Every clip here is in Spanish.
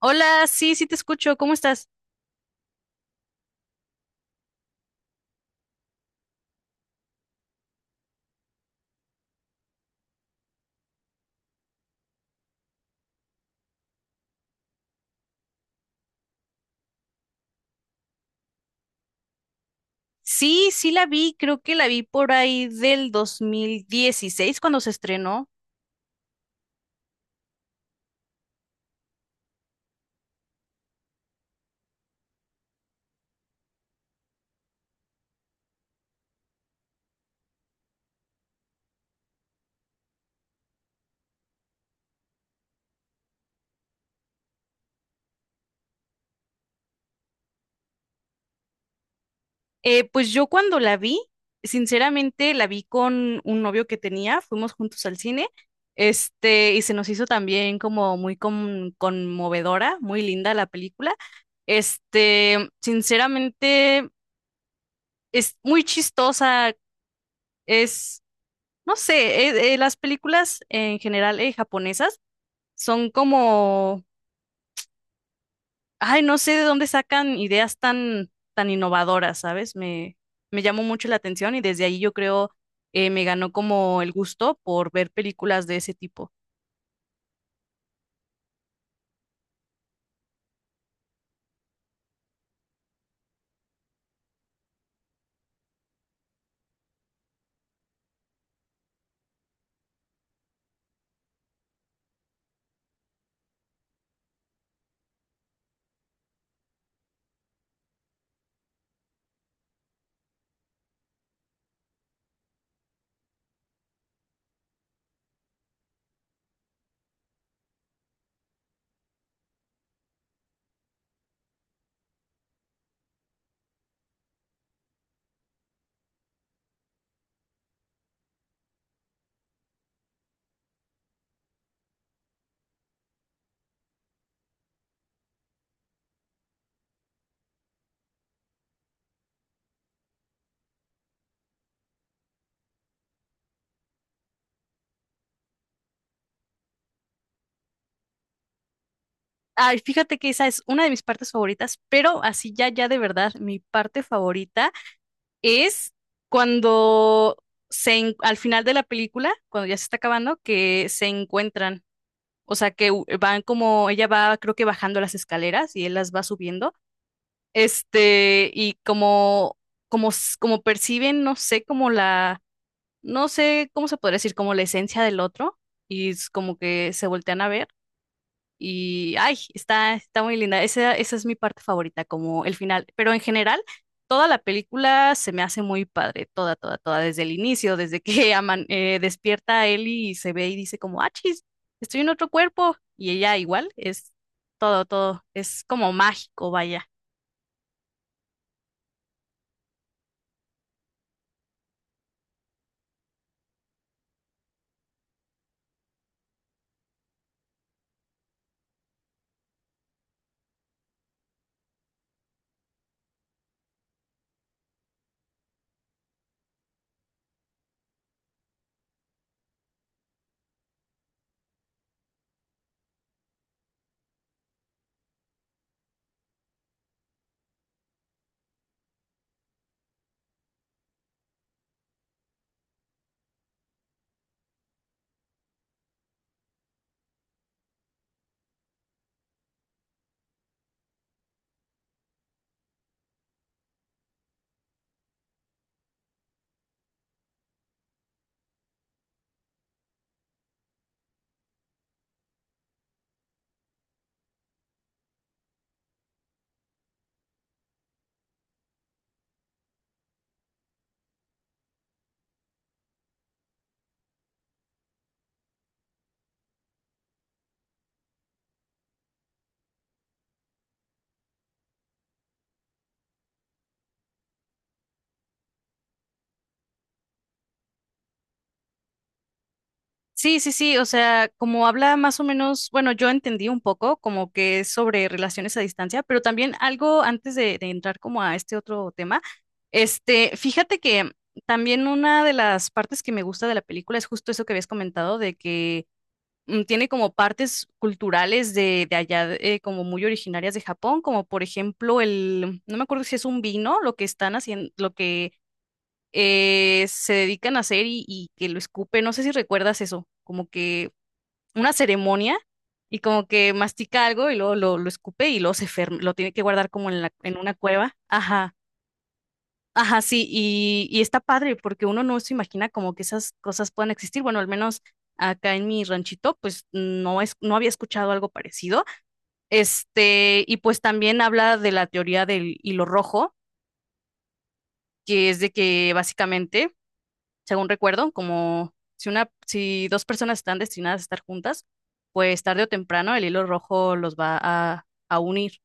Hola, sí, sí te escucho, ¿cómo estás? Sí, sí la vi, creo que la vi por ahí del 2016 cuando se estrenó. Pues yo cuando la vi, sinceramente la vi con un novio que tenía, fuimos juntos al cine, este, y se nos hizo también como muy conmovedora, muy linda la película. Este, sinceramente es muy chistosa, es, no sé, las películas en general japonesas son como, ay, no sé de dónde sacan ideas tan, tan innovadoras, ¿sabes? Me llamó mucho la atención y desde ahí yo creo me ganó como el gusto por ver películas de ese tipo. Ay, fíjate que esa es una de mis partes favoritas, pero así ya, ya de verdad, mi parte favorita es cuando se, al final de la película, cuando ya se está acabando, que se encuentran. O sea, que van como, ella va, creo que bajando las escaleras y él las va subiendo. Este, y como, como, como perciben, no sé, como la, no sé cómo se podría decir, como la esencia del otro, y es como que se voltean a ver, y ay, está, está muy linda. Esa es mi parte favorita, como el final. Pero en general, toda la película se me hace muy padre, toda, toda, toda, desde el inicio, desde que aman, despierta a Ellie y se ve y dice como, ah, chis, estoy en otro cuerpo, y ella igual, es todo, todo, es como mágico, vaya. Sí, sí, sí, o sea, como habla más o menos, bueno, yo entendí un poco como que es sobre relaciones a distancia, pero también algo antes de entrar como a este otro tema, este, fíjate que también una de las partes que me gusta de la película es justo eso que habías comentado, de que mm, tiene como partes culturales de allá, como muy originarias de Japón, como por ejemplo el, no me acuerdo si es un vino, lo que están haciendo, lo que se dedican a hacer y que lo escupe, no sé si recuerdas eso, como que una ceremonia, y como que mastica algo y luego lo escupe y luego se lo tiene que guardar como en la, en una cueva. Ajá, ajá, sí, y está padre porque uno no se imagina como que esas cosas puedan existir. Bueno, al menos acá en mi ranchito, pues no es, no había escuchado algo parecido. Este, y pues también habla de la teoría del hilo rojo, que es de que básicamente, según recuerdo, como si una, si dos personas están destinadas a estar juntas, pues tarde o temprano el hilo rojo los va a unir.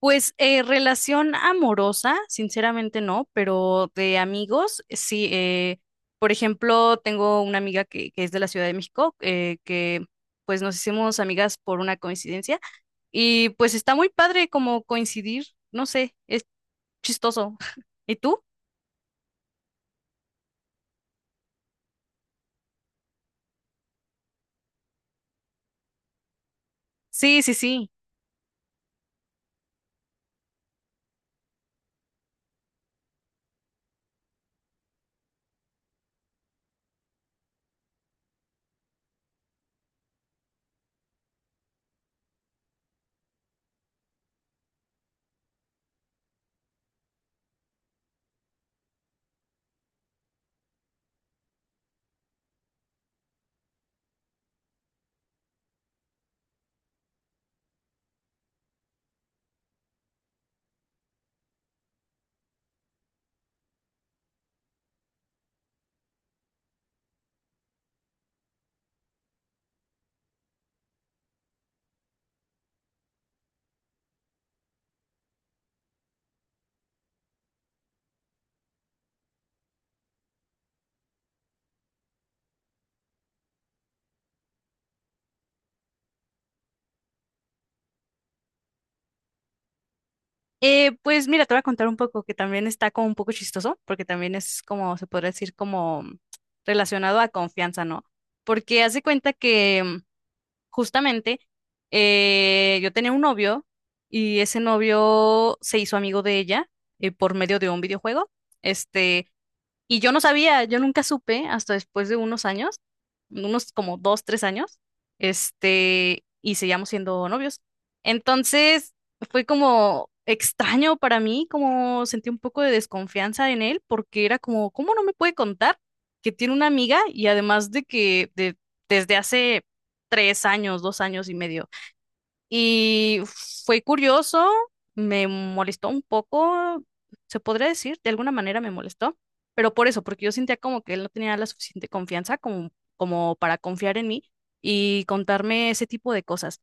Pues relación amorosa, sinceramente no, pero de amigos, sí. Por ejemplo, tengo una amiga que es de la Ciudad de México, que pues nos hicimos amigas por una coincidencia y pues está muy padre como coincidir, no sé, es chistoso. ¿Y tú? Sí, sí, sí. Pues mira, te voy a contar un poco que también está como un poco chistoso, porque también es como, se podría decir, como relacionado a confianza, ¿no? Porque hace cuenta que mm, justamente, yo tenía un novio y ese novio se hizo amigo de ella por medio de un videojuego. Este, y yo no sabía, yo nunca supe hasta después de unos años, unos como dos, tres años, este, y seguíamos siendo novios. Entonces fue como extraño para mí, como sentí un poco de desconfianza en él, porque era como, ¿cómo no me puede contar que tiene una amiga? Y además de que desde hace tres años, dos años y medio. Y fue curioso, me molestó un poco, se podría decir, de alguna manera me molestó, pero por eso, porque yo sentía como que él no tenía la suficiente confianza como, como para confiar en mí y contarme ese tipo de cosas.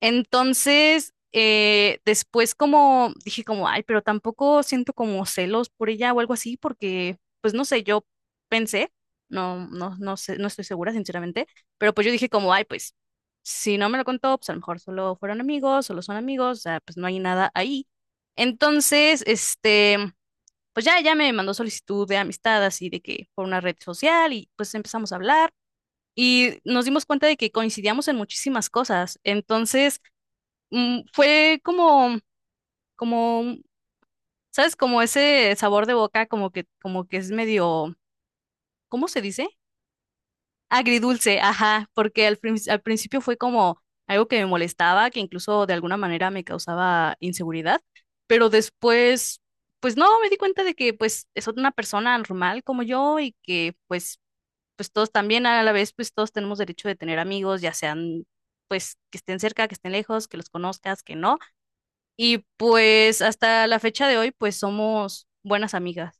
Entonces, después como dije como, ay, pero tampoco siento como celos por ella o algo así, porque, pues no sé, yo pensé, no, no, no sé, no estoy segura, sinceramente, pero pues yo dije como, ay, pues si no me lo contó, pues a lo mejor solo fueron amigos, solo son amigos, o sea, pues no hay nada ahí. Entonces, este, pues ya, ya me mandó solicitud de amistad, así de que por una red social y pues empezamos a hablar. Y nos dimos cuenta de que coincidíamos en muchísimas cosas. Entonces, mm, fue como, como, ¿sabes? Como ese sabor de boca, como que es medio, ¿cómo se dice? Agridulce, ajá, porque al, al principio fue como algo que me molestaba, que incluso de alguna manera me causaba inseguridad, pero después, pues no, me di cuenta de que pues es una persona normal como yo y que pues, pues todos también a la vez, pues todos tenemos derecho de tener amigos, ya sean, pues que estén cerca, que estén lejos, que los conozcas, que no. Y pues hasta la fecha de hoy, pues somos buenas amigas.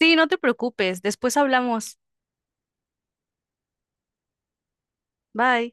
Sí, no te preocupes, después hablamos. Bye.